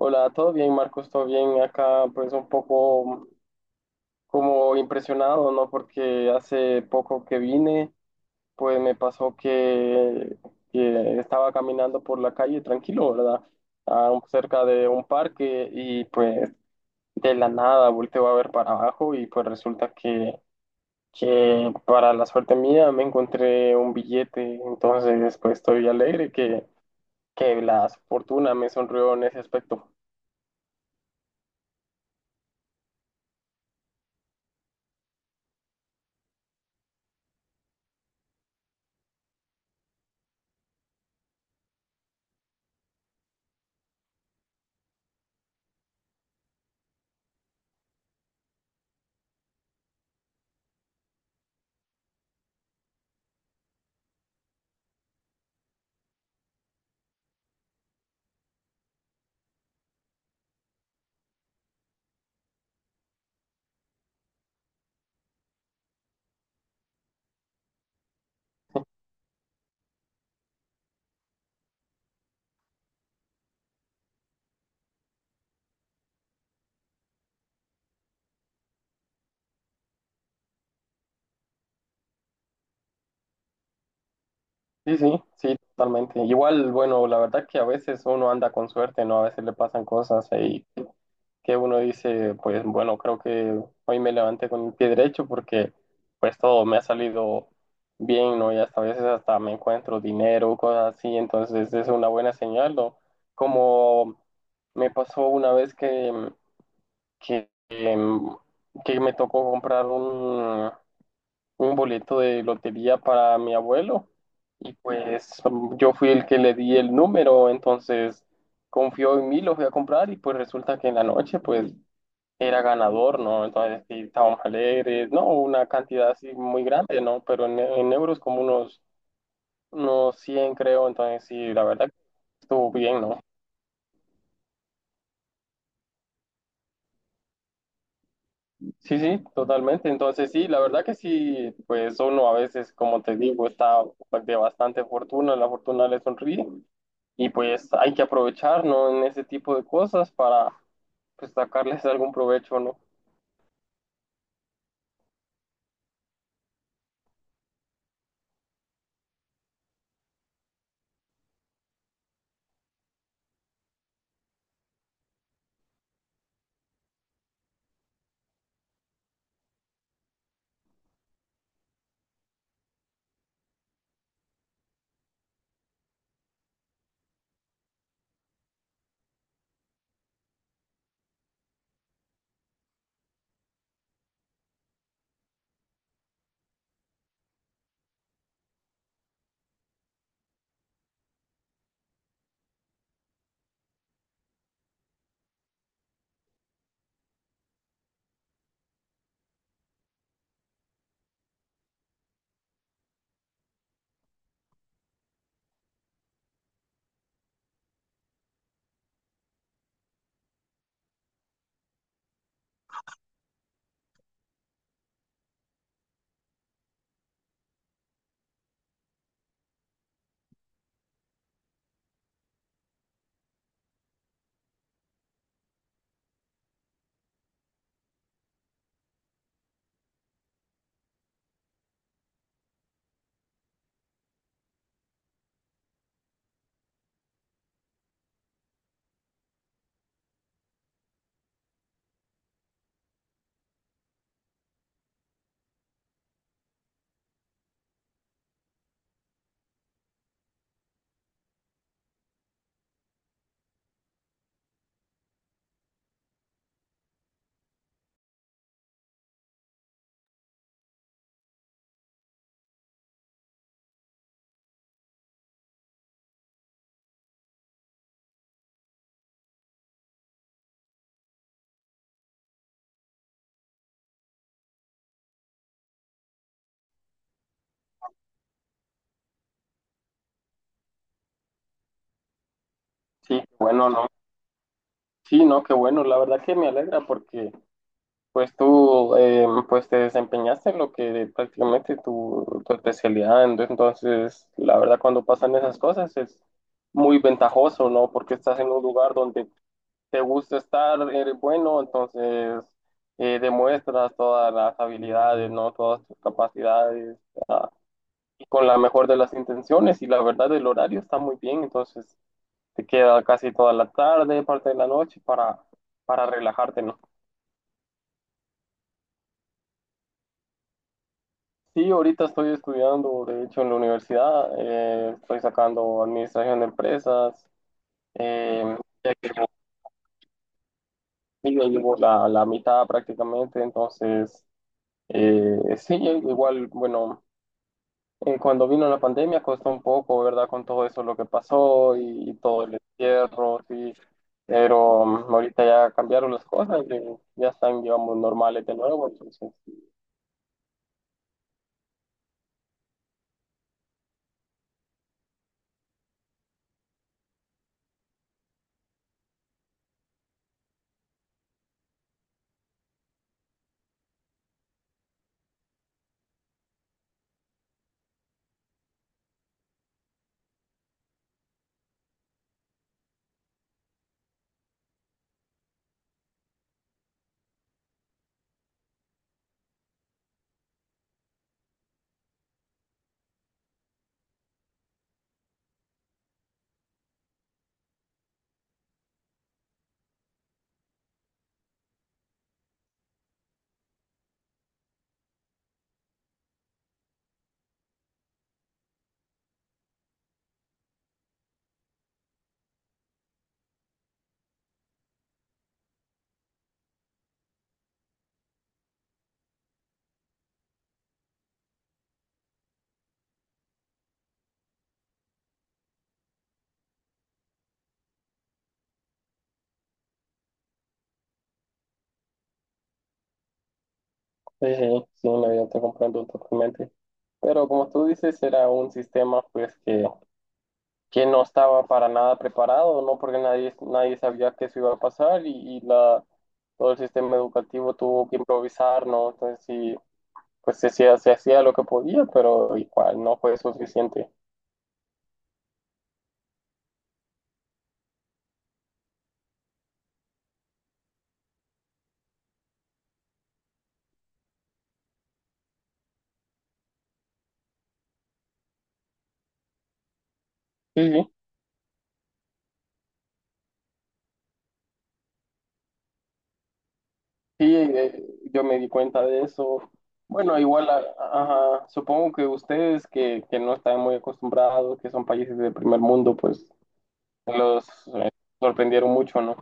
Hola, ¿todo bien, Marcos? ¿Todo bien? Acá pues un poco como impresionado, ¿no? Porque hace poco que vine, pues me pasó que estaba caminando por la calle tranquilo, ¿verdad? Ah, cerca de un parque y pues de la nada volteo a ver para abajo y pues resulta que para la suerte mía me encontré un billete, entonces pues estoy alegre que la fortuna me sonrió en ese aspecto. Sí, sí, sí, totalmente. Igual, bueno, la verdad que a veces uno anda con suerte, ¿no? A veces le pasan cosas ahí que uno dice, pues bueno, creo que hoy me levanté con el pie derecho porque pues todo me ha salido bien, ¿no? Y hasta a veces hasta me encuentro dinero, cosas así, entonces es una buena señal, ¿no? Como me pasó una vez que, que me tocó comprar un boleto de lotería para mi abuelo y pues yo fui el que le di el número, entonces confió en mí, lo fui a comprar y pues resulta que en la noche pues era ganador, ¿no? Entonces sí, estábamos alegres, ¿no? Una cantidad así muy grande, ¿no? Pero en euros como unos 100 creo, entonces sí, la verdad estuvo bien, ¿no? Sí, sí, totalmente. Entonces, sí, la verdad que sí, pues uno a veces, como te digo, está de bastante fortuna, la fortuna le sonríe. Y pues hay que aprovechar, ¿no? En ese tipo de cosas para pues sacarles algún provecho, ¿no? Sí, bueno, ¿no? Sí, no, qué bueno, la verdad que me alegra porque pues tú pues te desempeñaste en lo que prácticamente tu, especialidad, entonces la verdad cuando pasan esas cosas es muy ventajoso, ¿no? Porque estás en un lugar donde te gusta estar, eres bueno, entonces demuestras todas las habilidades, ¿no? Todas tus capacidades y con la mejor de las intenciones y la verdad el horario está muy bien, entonces te queda casi toda la tarde, parte de la noche para, relajarte, ¿no? Sí, ahorita estoy estudiando, de hecho, en la universidad, estoy sacando administración de empresas, eh, ya que ya llevo la mitad prácticamente, entonces, sí, igual, bueno, eh, cuando vino la pandemia costó un poco, ¿verdad? Con todo eso lo que pasó y todo el encierro, sí. Pero ahorita ya cambiaron las cosas y ya están, digamos, normales de nuevo. Entonces, sí, sí, sí, no, yo te comprendo totalmente. Pero como tú dices, era un sistema pues que no estaba para nada preparado, ¿no? Porque nadie, nadie sabía que eso iba a pasar y todo el sistema educativo tuvo que improvisar, ¿no? Entonces sí, pues se hacía lo que podía, pero igual no fue suficiente. Sí, sí, sí, yo me di cuenta de eso. Bueno, igual, ajá, supongo que ustedes que no están muy acostumbrados, que son países de primer mundo, pues los eh, sorprendieron mucho, ¿no?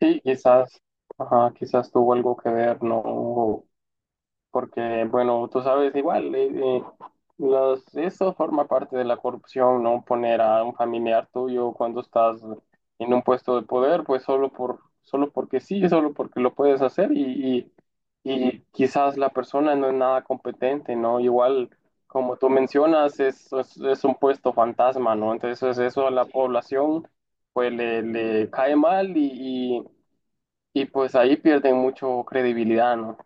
Sí, quizás, ajá, quizás tuvo algo que ver, ¿no? Porque, bueno, tú sabes, igual, eh, eso forma parte de la corrupción, ¿no? Poner a un familiar tuyo cuando estás en un puesto de poder, pues solo por, solo porque sí, solo porque lo puedes hacer y, y quizás la persona no es nada competente, ¿no? Igual, como tú mencionas, es, es un puesto fantasma, ¿no? Entonces, eso a la población, pues le, cae mal y, y pues ahí pierden mucho credibilidad, ¿no?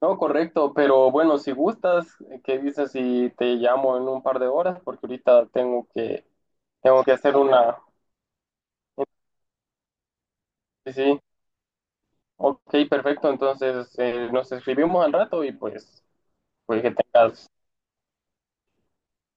No, correcto, pero bueno, si gustas, ¿qué dices si te llamo en un par de horas? Porque ahorita tengo que, hacer una... Sí, sí, ok, perfecto, entonces nos escribimos al rato y pues, pues que tengas...